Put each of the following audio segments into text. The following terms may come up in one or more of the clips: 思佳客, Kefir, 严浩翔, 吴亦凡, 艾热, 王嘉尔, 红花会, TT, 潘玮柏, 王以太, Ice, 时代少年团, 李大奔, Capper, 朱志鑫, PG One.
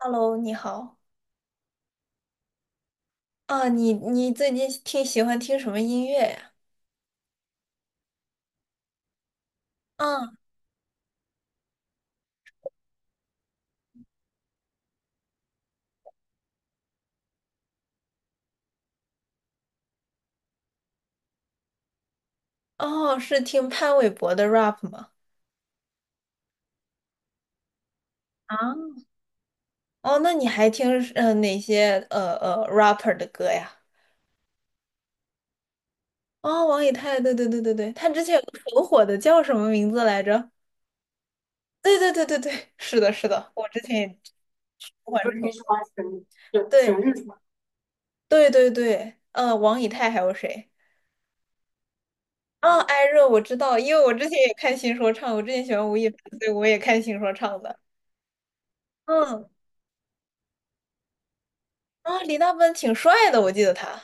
Hello，你好。啊，你最近喜欢听什么音乐呀？嗯，哦，是听潘玮柏的 rap 吗？啊，哦，那你还听哪些rapper 的歌呀？哦，王以太，对对对对对，他之前有个很火的叫什么名字来着？对对对对对，是的，是的，我之前也不管是听什么，对对对对，王以太还有谁？啊，艾热我知道，因为我之前也看新说唱，我之前喜欢吴亦凡，所以我也看新说唱的。嗯，啊，李大奔挺帅的，我记得他。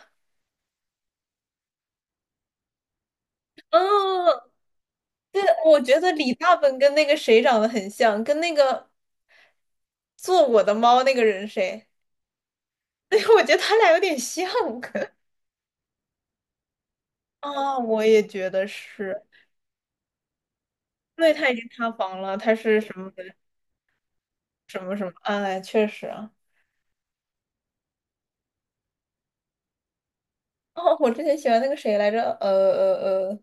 嗯，对，我觉得李大奔跟那个谁长得很像，跟那个做我的猫那个人谁？对，我觉得他俩有点像。啊，我也觉得是。对，他已经塌房了，他是什么什么什么？哎，确实啊。哦，我之前喜欢那个谁来着？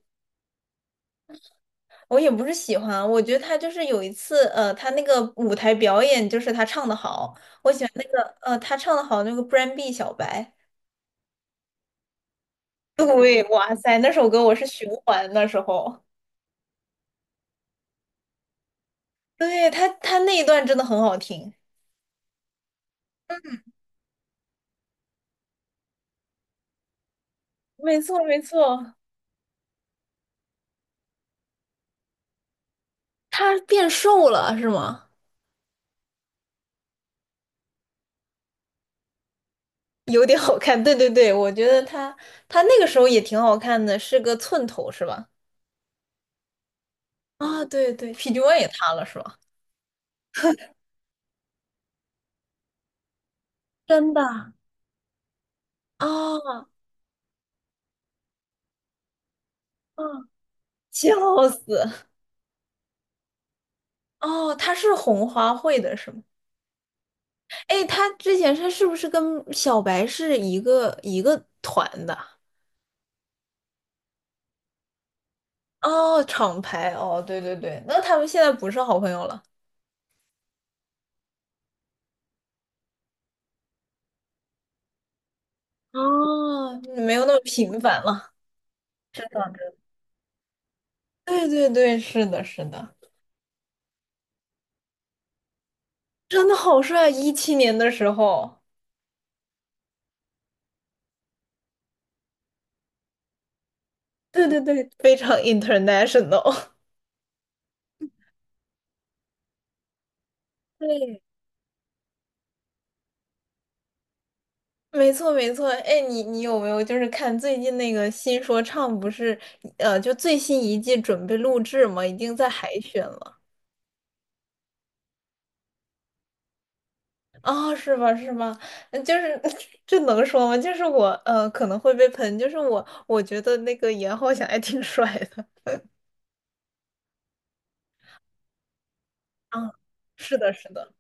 我也不是喜欢啊，我觉得他就是有一次，他那个舞台表演就是他唱的好，我喜欢那个，他唱的好那个 b r a n d B 小白。对，哇塞，那首歌我是循环那时候，对他那一段真的很好听，没错没错，他变瘦了是吗？有点好看，对对对，我觉得他那个时候也挺好看的，是个寸头是吧？啊，对对，PG One 也塌了是吧？真的啊啊，笑死！哦，他是红花会的是吗？哎，他之前他是不是跟小白是一个团的？哦，厂牌哦，对对对，那他们现在不是好朋友了哦，没有那么频繁了。是的。对对对，是的，是的，真的好帅！17年的时候，对对对非常 international。对，没错，没错。哎，你有没有就是看最近那个新说唱不是，就最新一季准备录制嘛，已经在海选了。啊，是吧？是吗？嗯就是 这能说吗？就是我可能会被喷，就是我觉得那个严浩翔还挺帅的。啊 是的，是的。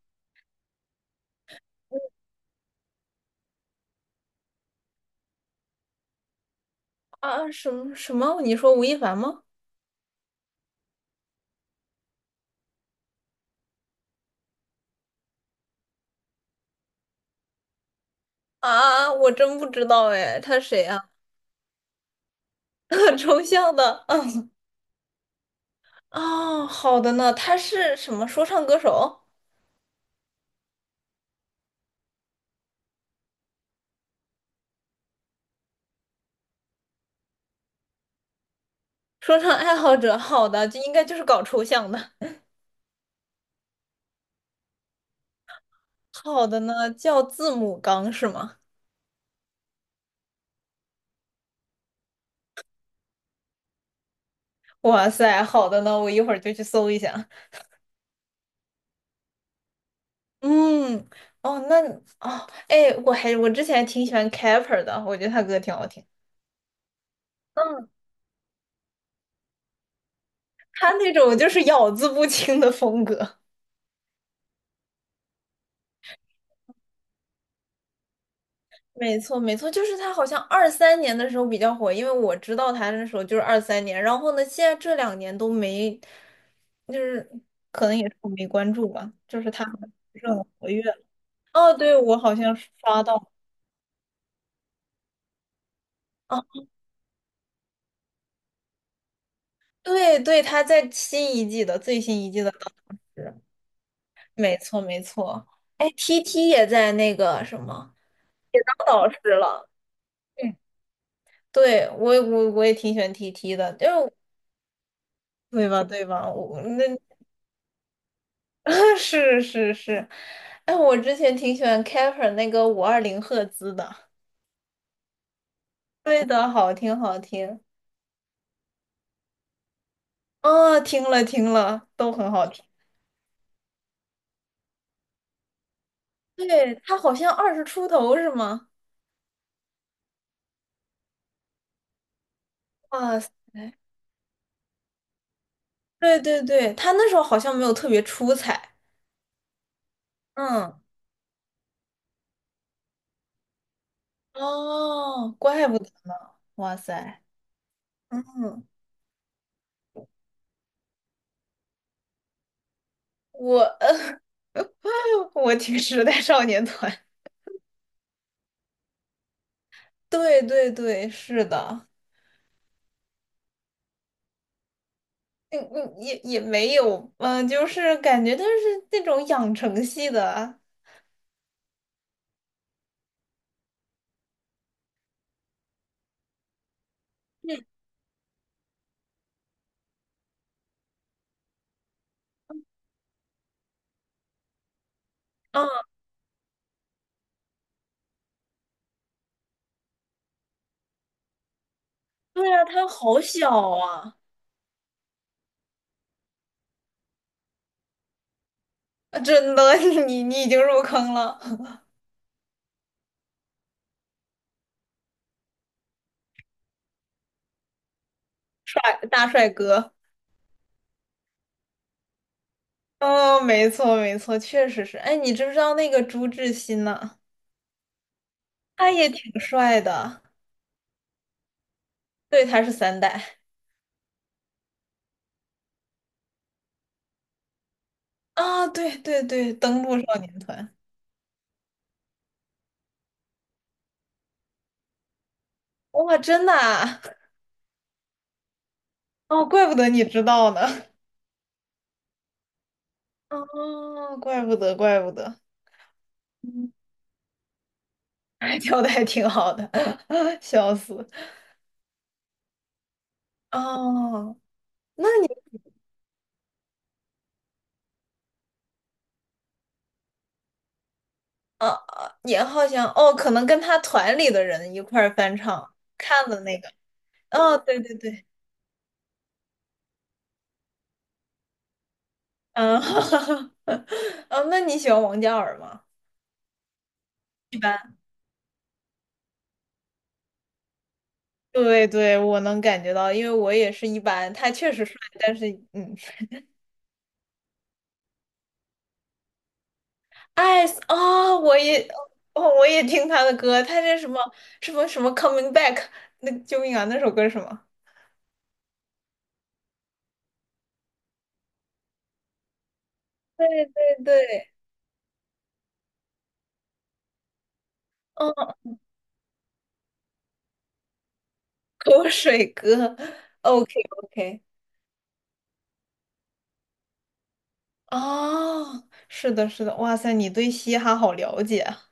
啊，什么什么？你说吴亦凡吗？啊，我真不知道哎，他谁啊？抽象的。啊，哦，好的呢，他是什么说唱歌手、说唱爱好者？好的，就应该就是搞抽象的。好的呢，叫字母刚是吗？哇塞，好的呢，我一会儿就去搜一下。嗯，哦，哎，我之前挺喜欢 Capper 的，我觉得他歌挺好听。嗯，他那种就是咬字不清的风格。没错，没错，就是他好像二三年的时候比较火，因为我知道他那时候就是二三年，然后呢，现在这两年都没，就是可能也是我没关注吧，就是他不是很活跃。哦，对，我好像是刷到，哦，对对，他在新一季的最新一季的当中。没错没错。哎，TT 也在那个什么，也当导师了。嗯，对，我也挺喜欢 TT 的，就对吧对吧？我那 是是是，哎，我之前挺喜欢 Kefir 那个520赫兹的，对的，好听好听。哦，听了听了，都很好听。对，他好像二十出头是吗？哇塞，对对对，他那时候好像没有特别出彩。嗯，哦，怪不得呢。哇塞，嗯，我，我挺时代少年团。对对对，是的，嗯嗯，也没有，嗯、就是感觉他是那种养成系的啊，啊对啊，他好小啊，啊真的，你已经入坑了，帅大帅哥，哦，没错没错，确实是。哎，你知不知道那个朱志鑫呢？他也挺帅的，对，他是三代啊，对对对，登陆少年团，哇，真的啊，哦，怪不得你知道呢。哦，怪不得，怪不得。嗯，哎跳的还挺好的，笑死。哦，那你哦，啊也好像哦，可能跟他团里的人一块儿翻唱看的那个。哦，对对对，嗯，哦，那你喜欢王嘉尔吗？一般。对对，我能感觉到，因为我也是一般，他确实帅，但是嗯。Ice 哦，我也听他的歌，他这什么什么什么 Coming Back，那个救命啊，那首歌是什么？对对对，嗯，口水歌，OK OK，哦，是的，是的，哇塞，你对嘻哈好了解啊，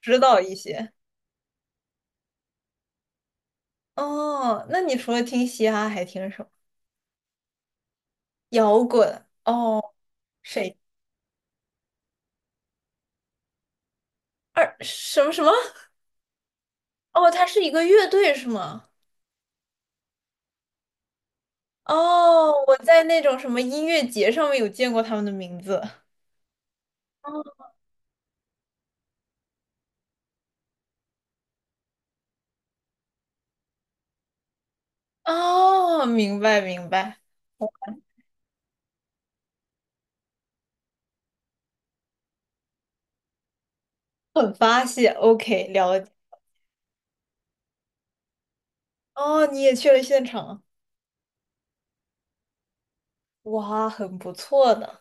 知道一些哦。那你除了听嘻哈，还听什么？摇滚哦，谁？二什么什么？哦，他是一个乐队是吗？哦，我在那种什么音乐节上面有见过他们的名字。哦，哦，明白明白，我很发泄，OK，了解。哦，你也去了现场啊哇，很不错的。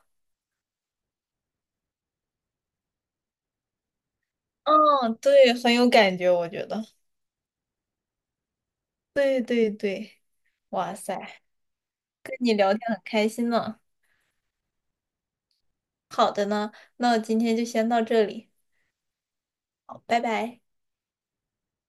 嗯，对，很有感觉，我觉得。对对对，哇塞，跟你聊天很开心呢。好的呢，那我今天就先到这里，好，拜拜。